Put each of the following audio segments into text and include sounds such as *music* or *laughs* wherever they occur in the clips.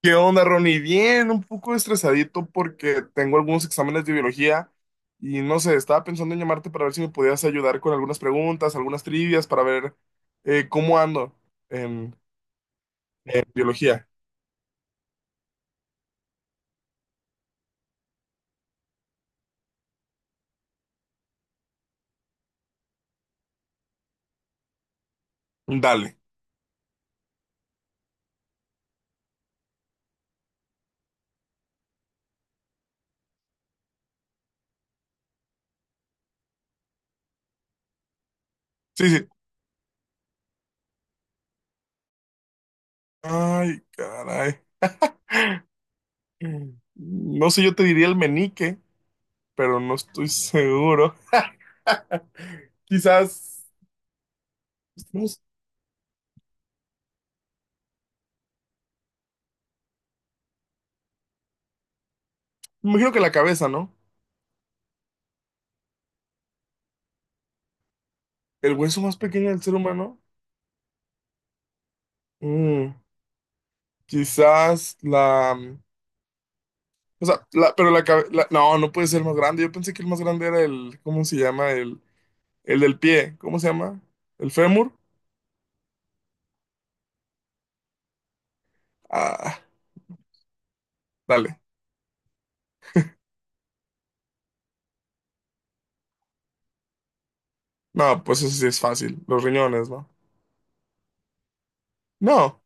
¿Qué onda, Ronnie? Bien, un poco estresadito porque tengo algunos exámenes de biología y no sé, estaba pensando en llamarte para ver si me podías ayudar con algunas preguntas, algunas trivias para ver cómo ando en, en biología. Dale. Sí, sí. Ay, caray. Mm, No sé, yo te diría el menique, pero no estoy *laughs* seguro. Quizás, no sé, Me imagino que la cabeza, ¿no? El hueso más pequeño del ser humano. Mm, Quizás la... O sea, pero la cabeza, no, no puede ser más grande. Yo pensé que el más grande era el, ¿cómo se llama? El del pie, ¿cómo se llama? ¿El fémur? Ah, dale. No, pues eso sí es fácil. Los riñones, ¿no? No,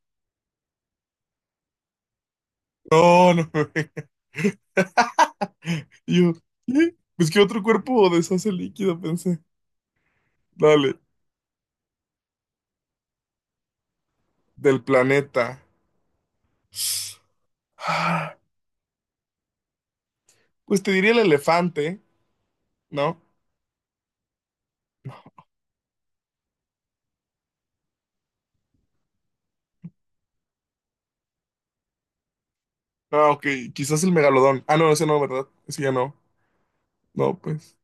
no, no. *laughs* Yo, ¿qué? Pues qué otro cuerpo deshace líquido, pensé. Dale, del planeta. *sighs* Ah, Pues te diría el elefante, ¿no? No, ok, quizás el megalodón. Ah, no, ese no, ¿verdad? Ese ya no. No, pues.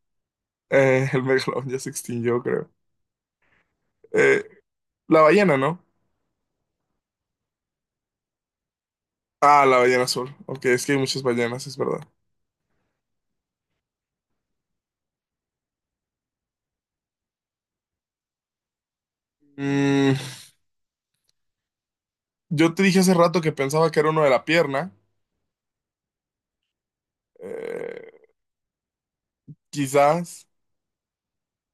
El megalodón ya se extinguió, creo. Eh, la ballena, ¿no? Ah, la ballena azul. Ok, es que hay muchas ballenas, es verdad. Mm, yo te dije hace rato que pensaba que era uno de la pierna. Eh, quizás,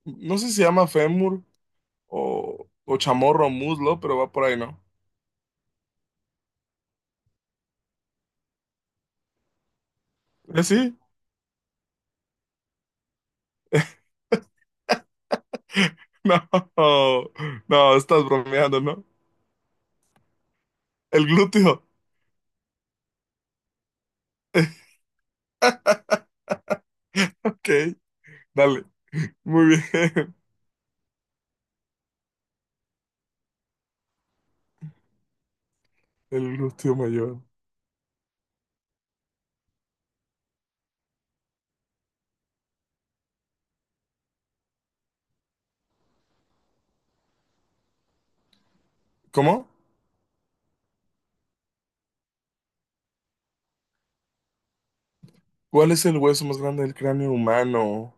no sé si se llama fémur o chamorro o muslo, pero va por ahí, ¿no? ¿Eh, sí? *laughs* No, no, estás bromeando, ¿no? El glúteo. Ok, dale. Muy bien. *laughs* El glúteo mayor. ¿Cómo? ¿Cuál es el hueso más grande del cráneo humano?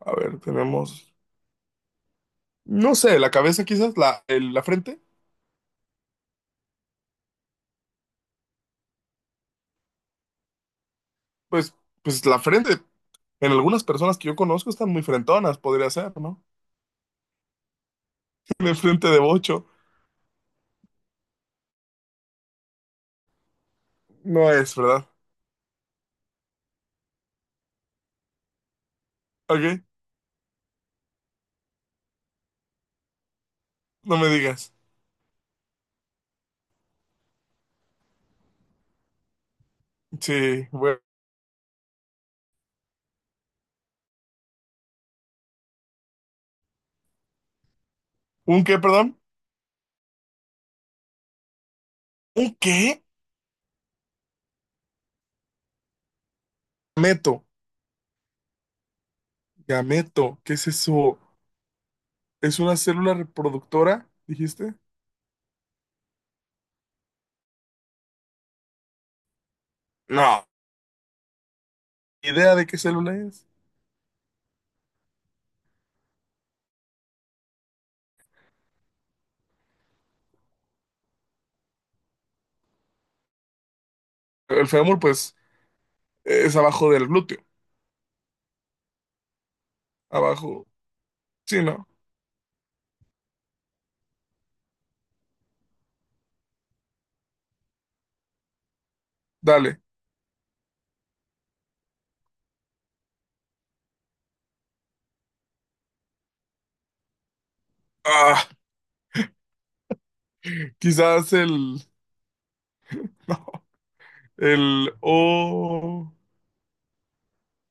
A ver, tenemos... No sé, la cabeza quizás, la frente, pues, pues la frente, en algunas personas que yo conozco están muy frentonas, podría ser, ¿no? *laughs* De frente de bocho, no es, ¿verdad? Ok, no me digas. Sí, bueno. ¿Un qué, perdón? ¿Un qué? Gameto, gameto, ¿qué es eso? ¿Es una célula reproductora, dijiste? No, idea de qué célula es. El fémur, pues, es abajo del glúteo, abajo, sí, ¿no? Dale. Ah, quizás el... *laughs* El O.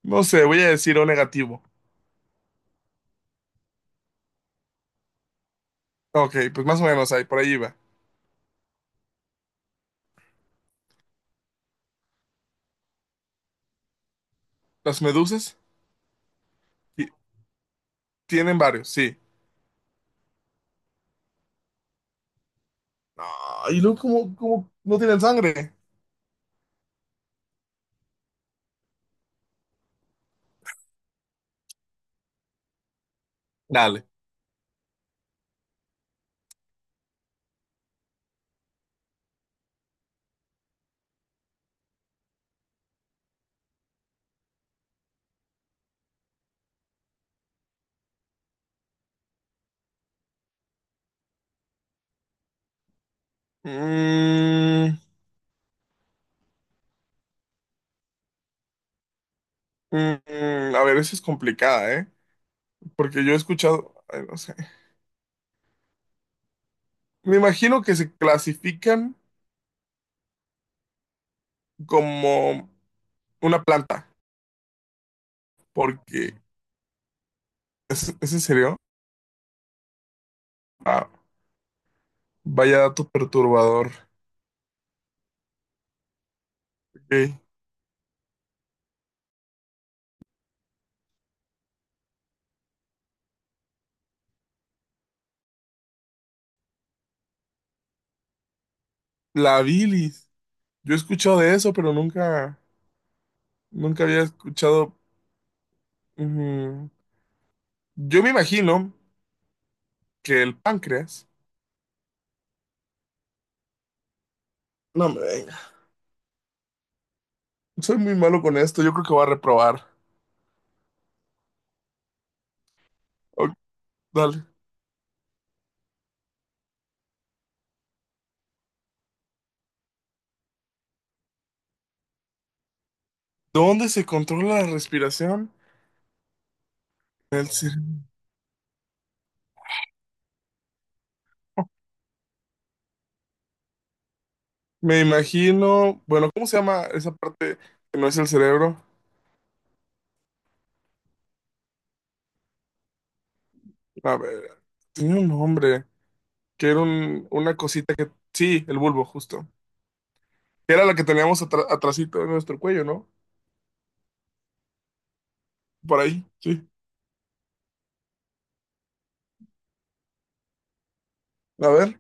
No sé, voy a decir O negativo. Ok, pues más o menos ahí, por ahí iba. Las medusas ti- tienen varios, sí. Ah, y luego, ¿cómo, cómo no tienen sangre? Dale. Mm, a ver, esa es complicada, ¿eh? Porque yo he escuchado. Ay, no sé. Me imagino que se clasifican como una planta, porque. Es en serio? Ah, vaya dato perturbador. Ok. La bilis. Yo he escuchado de eso, pero nunca había escuchado. Ujú. Yo me imagino que el páncreas. No me venga. Soy muy malo con esto. Yo creo que voy a reprobar. Ok, dale. ¿Dónde se controla la respiración? En el cerebro. Me imagino. Bueno, ¿cómo se llama esa parte que no es el cerebro? A ver, tenía un nombre. Que era una cosita que. Sí, el bulbo, justo. Era la que teníamos atrasito en nuestro cuello, ¿no? Por ahí, sí. A ver.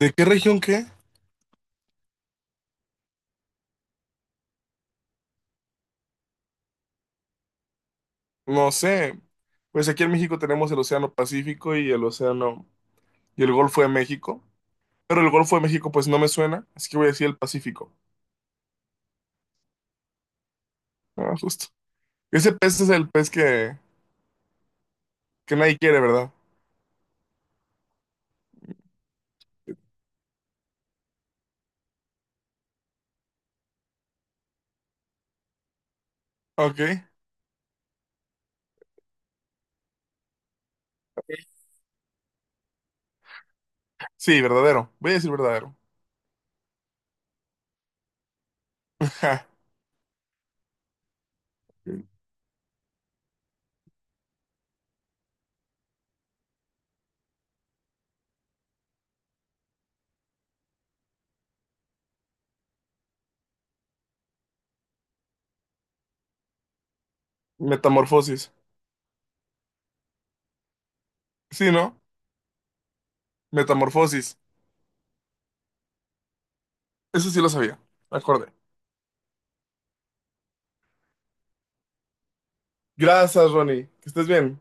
¿De qué región qué? No sé, pues aquí en México tenemos el Océano Pacífico y el Océano y el Golfo de México, pero el Golfo de México pues no me suena, así que voy a decir el Pacífico. Ah, justo. Ese pez es el pez que nadie quiere, ¿verdad? Ok. Sí, verdadero. Voy a decir verdadero. *laughs* Ja. Metamorfosis. Sí, ¿no? Metamorfosis. Eso sí lo sabía. Me acordé. Gracias, Ronnie. Que estés bien.